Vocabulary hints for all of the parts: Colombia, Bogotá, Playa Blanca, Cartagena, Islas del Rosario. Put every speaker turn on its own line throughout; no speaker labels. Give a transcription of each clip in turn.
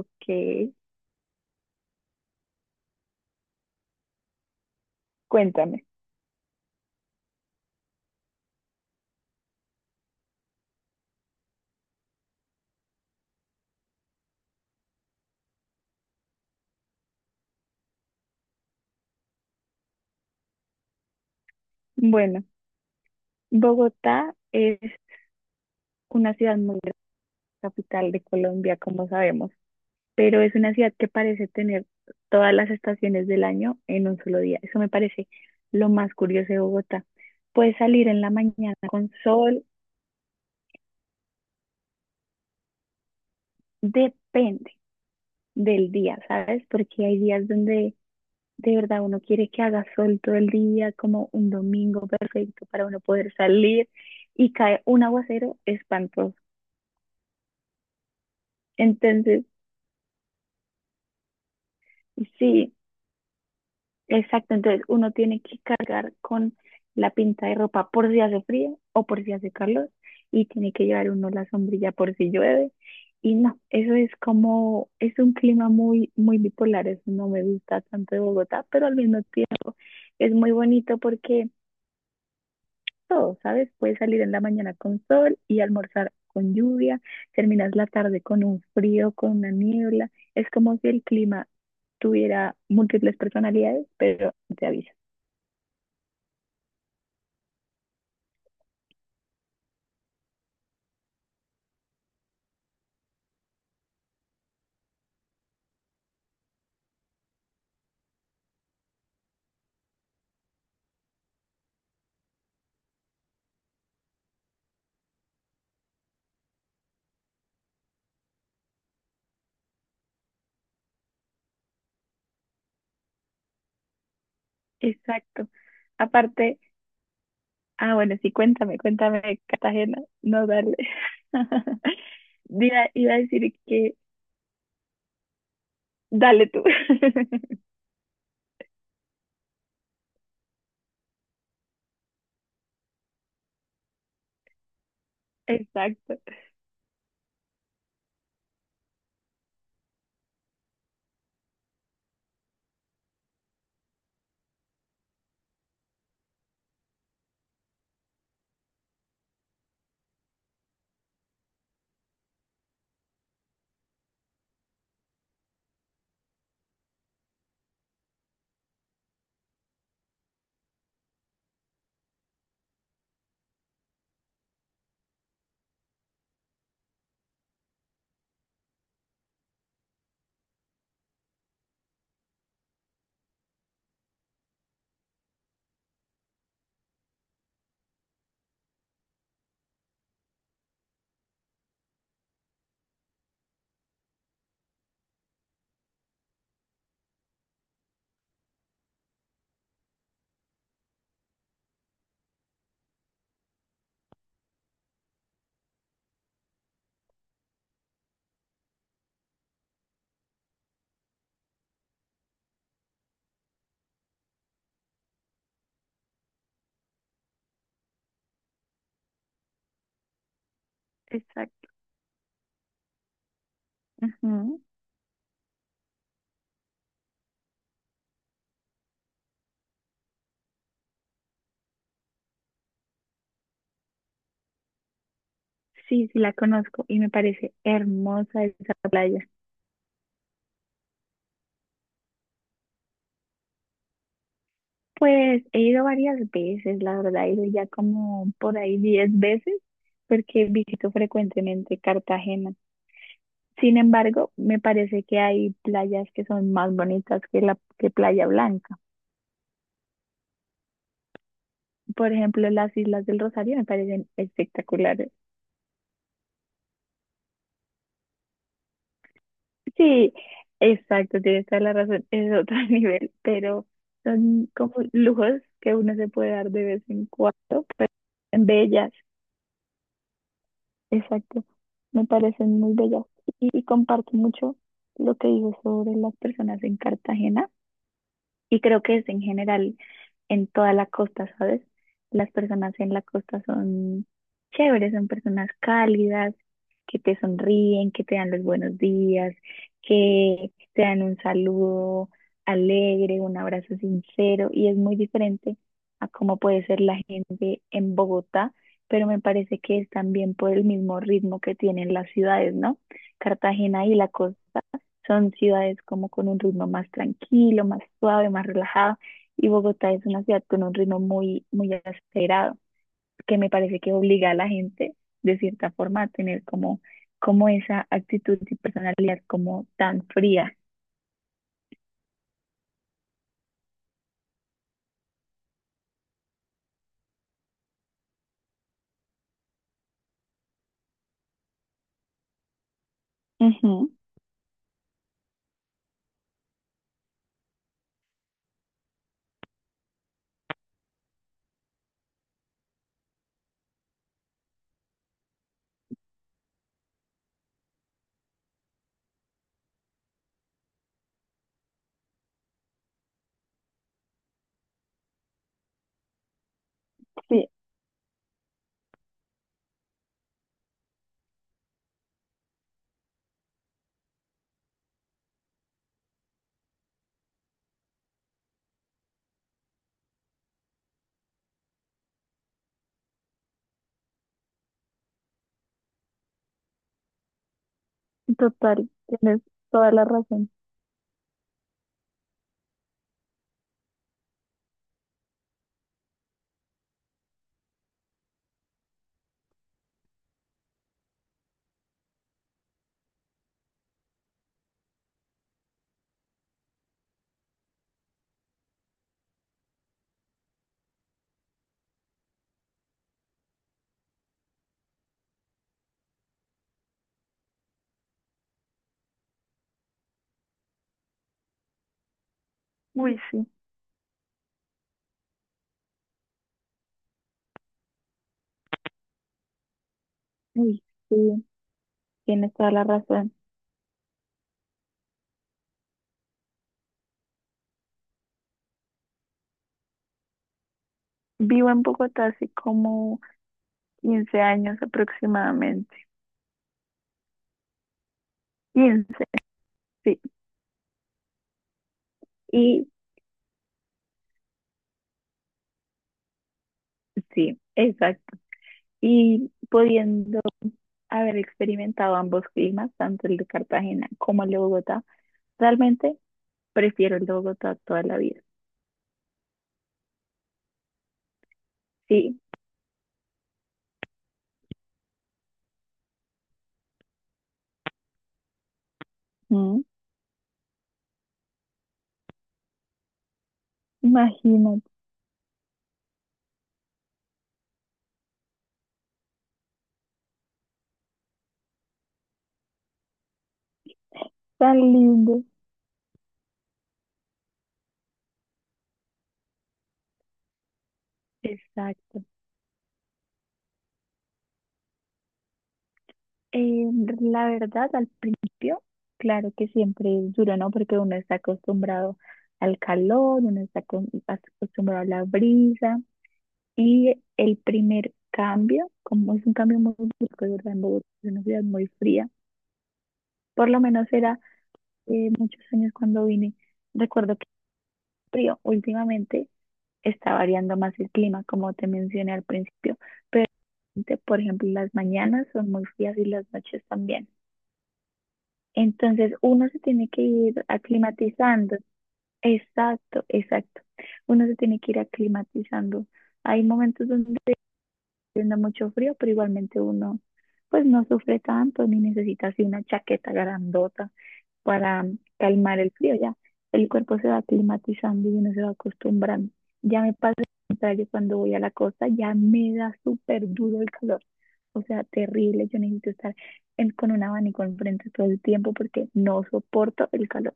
Ok, cuéntame. Bueno, Bogotá es una ciudad muy grande, capital de Colombia, como sabemos, pero es una ciudad que parece tener todas las estaciones del año en un solo día. Eso me parece lo más curioso de Bogotá. Puedes salir en la mañana con sol, depende del día, ¿sabes? Porque hay días donde de verdad uno quiere que haga sol todo el día, como un domingo perfecto para uno poder salir y cae un aguacero espantoso. Entonces, sí, exacto. Entonces uno tiene que cargar con la pinta de ropa por si hace frío o por si hace calor y tiene que llevar uno la sombrilla por si llueve. Y no, eso es como, es un clima muy, muy bipolar. Eso no me gusta tanto de Bogotá, pero al mismo tiempo es muy bonito porque todo, ¿sabes? Puedes salir en la mañana con sol y almorzar con lluvia, terminas la tarde con un frío, con una niebla. Es como si el clima tuviera múltiples personalidades, pero te avisa. Exacto. Aparte, ah, bueno, sí, cuéntame, cuéntame, Cartagena, no dale. Iba a decir que dale tú. Exacto, exacto. Ujú. Sí, sí, la conozco y me parece hermosa esa playa. Pues he ido varias veces, la verdad, he ido ya como por ahí 10 veces, porque visito frecuentemente Cartagena. Sin embargo, me parece que hay playas que son más bonitas que la que Playa Blanca. Por ejemplo, las Islas del Rosario me parecen espectaculares. Sí, exacto, tienes toda la razón, es otro nivel, pero son como lujos que uno se puede dar de vez en cuando, pero son bellas. Exacto, me parecen muy bellas y comparto mucho lo que digo sobre las personas en Cartagena. Y creo que es en general en toda la costa, ¿sabes? Las personas en la costa son chéveres, son personas cálidas, que te sonríen, que te dan los buenos días, que te dan un saludo alegre, un abrazo sincero, y es muy diferente a cómo puede ser la gente en Bogotá, pero me parece que es también por el mismo ritmo que tienen las ciudades, ¿no? Cartagena y la costa son ciudades como con un ritmo más tranquilo, más suave, más relajado. Y Bogotá es una ciudad con un ritmo muy, muy acelerado, que me parece que obliga a la gente, de cierta forma, a tener como, como esa actitud y personalidad como tan fría. Ujú. Sí, total, tienes toda la razón. Uy, sí, uy, sí, tienes toda la razón. Vivo en Bogotá hace como 15 años aproximadamente. 15, sí. Y sí, exacto, y pudiendo haber experimentado ambos climas, tanto el de Cartagena como el de Bogotá, realmente prefiero el de Bogotá toda la vida. Sí. Mm. Imagínate, tan lindo. Exacto. Eh, la verdad, al principio, claro que siempre es duro, ¿no? Porque uno está acostumbrado al calor, uno está acostumbrado a la brisa y el primer cambio, como es un cambio muy brusco, ¿verdad? En Bogotá es una ciudad muy fría, por lo menos era muchos años cuando vine. Recuerdo que frío, últimamente está variando más el clima, como te mencioné al principio, pero por ejemplo las mañanas son muy frías y las noches también. Entonces uno se tiene que ir aclimatizando. Exacto, exacto. Uno se tiene que ir aclimatizando. Hay momentos donde está haciendo mucho frío, pero igualmente uno pues no sufre tanto ni necesita así una chaqueta grandota para calmar el frío, ya. El cuerpo se va climatizando y uno se va acostumbrando. Ya me pasa lo contrario cuando voy a la costa, ya me da súper duro el calor. O sea, terrible. Yo necesito estar con un abanico enfrente todo el tiempo porque no soporto el calor.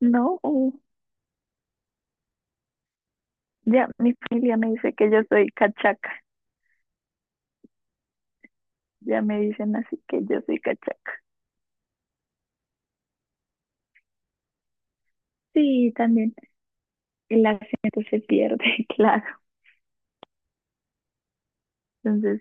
No, ya mi familia me dice que yo soy cachaca. Ya me dicen así que yo soy cachaca. Sí, también el acento se pierde, claro. Entonces,